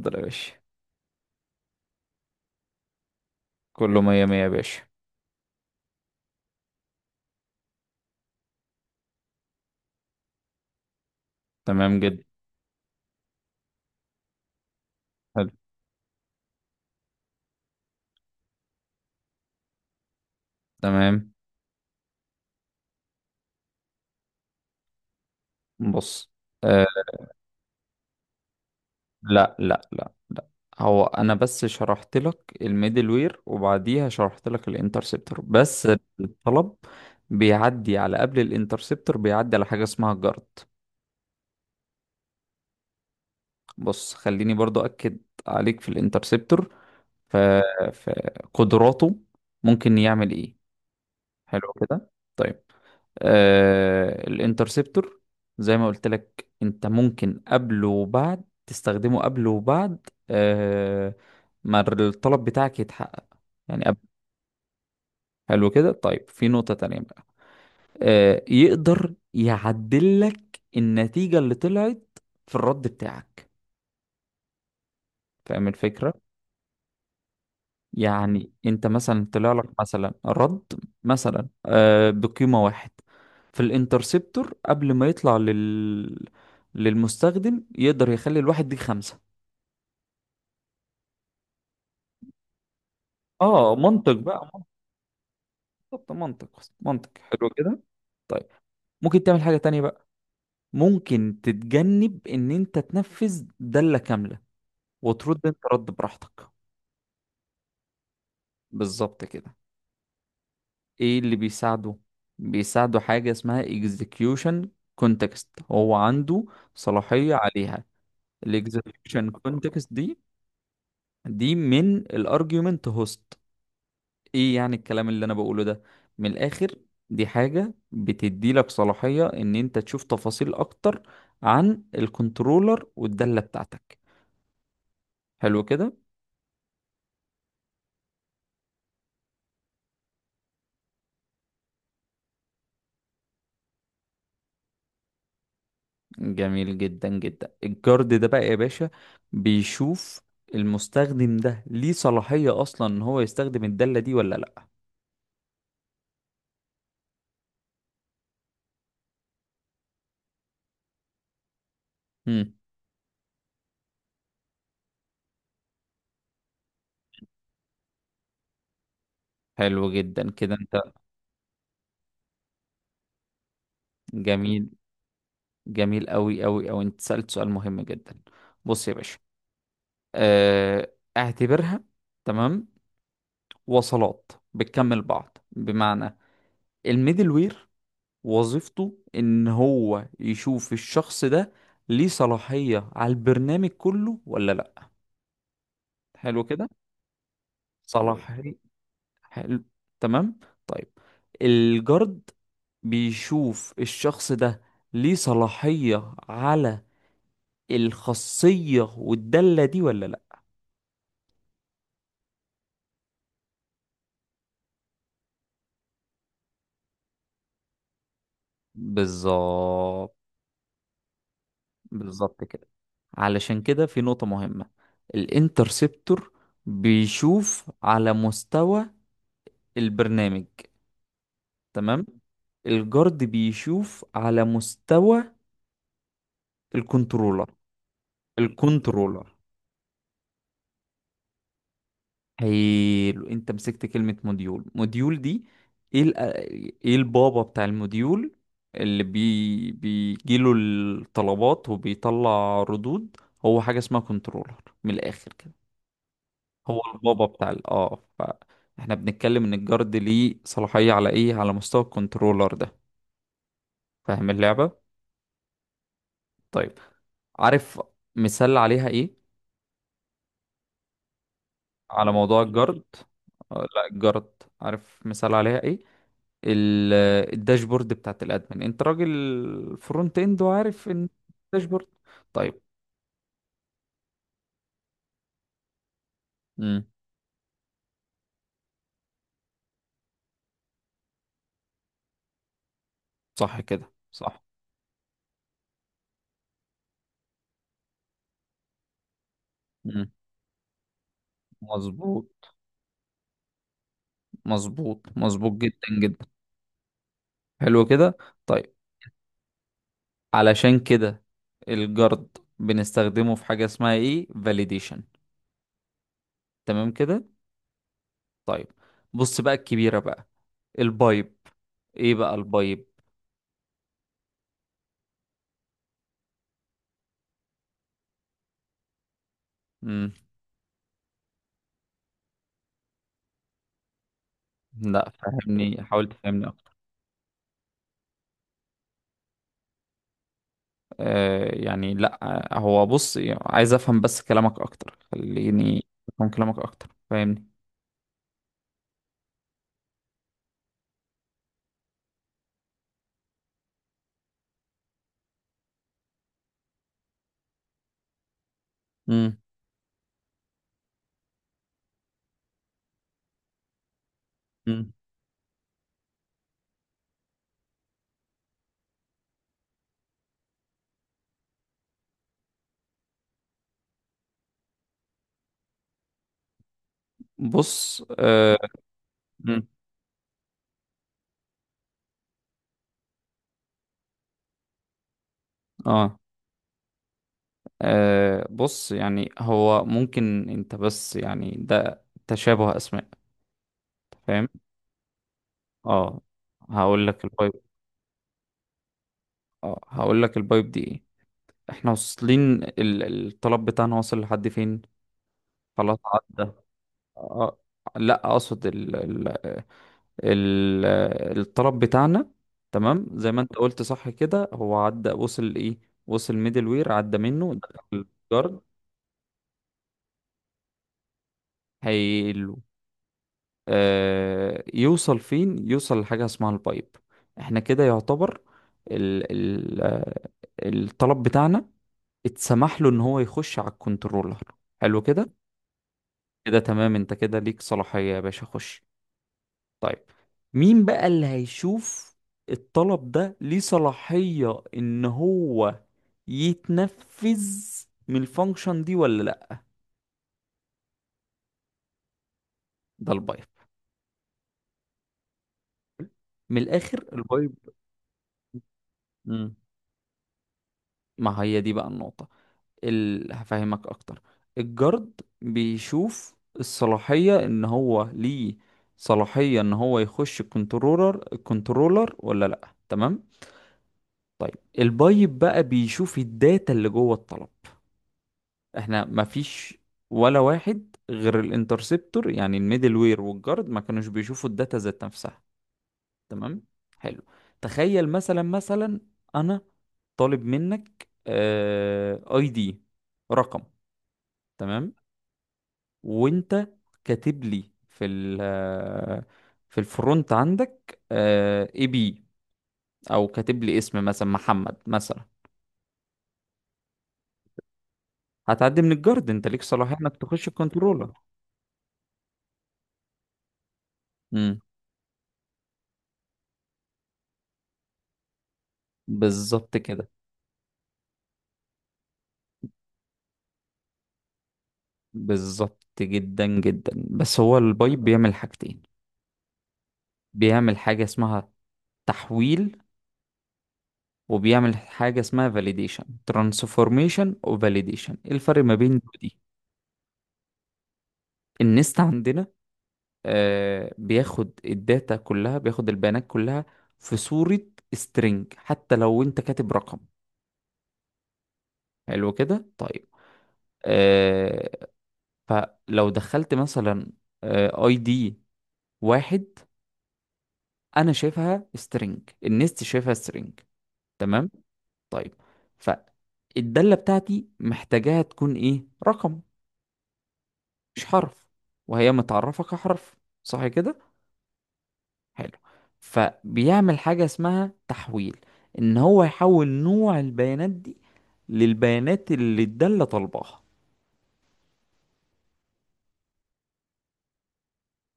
اتفضل يا باشا. كله مية مية يا باشا. تمام جدا. حلو. تمام. بص. آه. لا لا لا لا، هو انا بس شرحت لك الميدل وير وبعديها شرحت لك الانترسبتور بس. الطلب بيعدي على قبل الانترسبتور، بيعدي على حاجة اسمها الجارد. بص، خليني برضو اكد عليك في الانترسبتور. ف... فقدراته ممكن يعمل ايه. حلو كده. طيب. الانترسبتور زي ما قلت لك انت ممكن قبل وبعد، تستخدمه قبل وبعد ما الطلب بتاعك يتحقق. يعني قبل. حلو كده. طيب، في نقطة تانية بقى. يقدر يعدل لك النتيجة اللي طلعت في الرد بتاعك، فاهم الفكرة؟ يعني انت مثلا طلع لك مثلا رد مثلا، بقيمة واحد، في الانترسبتور قبل ما يطلع للمستخدم يقدر يخلي الواحد دي 5. اه، منطق بقى، منطق. بالظبط، منطق. منطق. حلو كده. طيب، ممكن تعمل حاجة تانية بقى. ممكن تتجنب ان انت تنفذ دالة كاملة وترد انت رد براحتك. بالظبط كده. ايه اللي بيساعده؟ بيساعده حاجة اسمها execution context. هو عنده صلاحية عليها. ال execution context دي، دي من ال argument host. ايه يعني الكلام اللي انا بقوله ده من الاخر؟ دي حاجة بتدي لك صلاحية ان انت تشوف تفاصيل اكتر عن الكنترولر والدالة بتاعتك. حلو كده. جميل جدا جدا. الجارد ده بقى يا باشا بيشوف المستخدم ده ليه صلاحية أصلا إن هو يستخدم الدالة دي ولا لأ. مم. حلو جدا كده أنت. جميل، جميل أوي أوي أوي، أنت سألت سؤال مهم جدا. بص يا باشا، اعتبرها تمام وصلات بتكمل بعض. بمعنى الميدل وير وظيفته إن هو يشوف الشخص ده ليه صلاحية على البرنامج كله ولا لأ. حلو كده. صلاح. حلو. حلو. تمام. طيب، الجارد بيشوف الشخص ده ليه صلاحية على الخاصية والدالة دي ولا لا. بالظبط. بالظبط كده. علشان كده في نقطة مهمة، الانترسبتور بيشوف على مستوى البرنامج. تمام. الجارد بيشوف على مستوى الكنترولر. الكنترولر. حلو. انت مسكت كلمة موديول، موديول دي ايه؟ ايه البابا بتاع الموديول اللي بيجيله الطلبات وبيطلع ردود؟ هو حاجة اسمها كنترولر، من الآخر كده. هو البابا بتاع ال... اه فاحنا بنتكلم ان الجارد ليه صلاحية على ايه، على مستوى الكنترولر ده. فاهم اللعبة؟ طيب، عارف مثال عليها ايه؟ على موضوع الجارد. آه، لا، الجارد. عارف مثال عليها ايه؟ ال- الداشبورد بتاعت الادمن. انت راجل فرونت اند وعارف ان الداشبورد. طيب. امم. صح كده، صح. امم. مظبوط، مظبوط، مظبوط جدا جدا. حلو كده. طيب، علشان كده الجرد بنستخدمه في حاجة اسمها ايه؟ validation. تمام كده. طيب، بص بقى الكبيرة بقى، البايب. ايه بقى البايب؟ امم. لا، فهمني، حاول تفهمني. لا. هو بص، يعني عايز افهم بس كلامك اكتر، خليني افهم كلامك اكتر، فاهمني؟ امم. امم. بص. اه. مم. آه. آه. بص يعني هو ممكن، انت بس يعني ده تشابه اسماء. فاهم. اه، هقول لك البايب. اه، هقول لك البايب دي ايه. احنا واصلين، الطلب بتاعنا واصل لحد فين؟ خلاص عدى. آه، لا، اقصد ال- الطلب بتاعنا. تمام، زي ما انت قلت صح كده، هو عدى، وصل ايه؟ وصل ميدل وير، عدى منه، دخل الجارد، هيقله يوصل فين؟ يوصل لحاجة اسمها البايب. احنا كده يعتبر ال ال آه، الطلب بتاعنا اتسمح له ان هو يخش على الكنترولر. حلو كده. كده تمام، انت كده ليك صلاحية يا باشا، خش. طيب، مين بقى اللي هيشوف الطلب ده ليه صلاحية ان هو يتنفذ من الفانكشن دي ولا لا؟ ده البايب. من الاخر، البايب. مم. ما هي دي بقى النقطة. هفهمك اكتر. الجارد بيشوف الصلاحية ان هو ليه صلاحية ان هو يخش الكنترولر، الكنترولر ولا لا، تمام؟ طيب، البايب بقى بيشوف الداتا اللي جوه الطلب. احنا مفيش ولا واحد غير الانترسبتور، يعني الميدل وير والجارد ما كانوش بيشوفوا الداتا ذات نفسها. تمام. حلو. تخيل مثلا، مثلا انا طالب منك اي دي، رقم، تمام؟ وانت كاتب لي في الفرونت عندك اي بي، او كاتب لي اسم مثلا محمد مثلا. هتعدي من الجارد، انت ليك صلاحية انك تخش الكنترولر. امم. بالظبط كده. بالظبط جدا جدا. بس هو البايب بيعمل حاجتين، بيعمل حاجة اسمها تحويل وبيعمل حاجة اسمها فاليديشن. ترانسفورميشن وفاليديشن، ايه الفرق ما بين دول، دي ودي؟ النست عندنا، بياخد البيانات كلها في صورة سترينج، حتى لو انت كاتب رقم. حلو كده. طيب، آه فلو دخلت مثلا اي دي 1، انا شايفها سترينج، النست شايفها سترينج. تمام. طيب، فالدالة بتاعتي محتاجاها تكون ايه؟ رقم، مش حرف، وهي متعرفة كحرف، صح كده؟ حلو. فبيعمل حاجة اسمها تحويل، ان هو يحول نوع البيانات دي للبيانات اللي الدالة طالباها.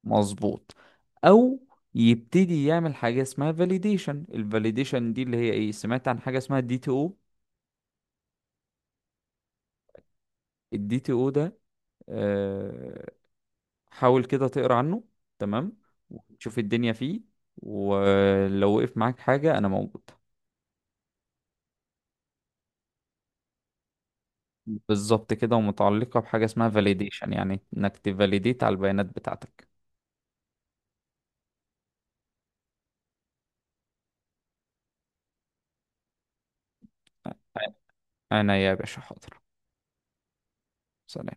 مظبوط. او يبتدي يعمل حاجة اسمها validation. ال validation دي اللي هي ايه؟ سمعت عن حاجة اسمها دي تي او؟ الدي تي او ده، آه، حاول كده تقرا عنه، تمام، وتشوف الدنيا فيه. ولو وقف معاك حاجة انا موجود. بالظبط كده، ومتعلقة بحاجة اسمها validation، يعني انك تفاليديت على البيانات بتاعتك. انا يا باشا حاضر. سلام.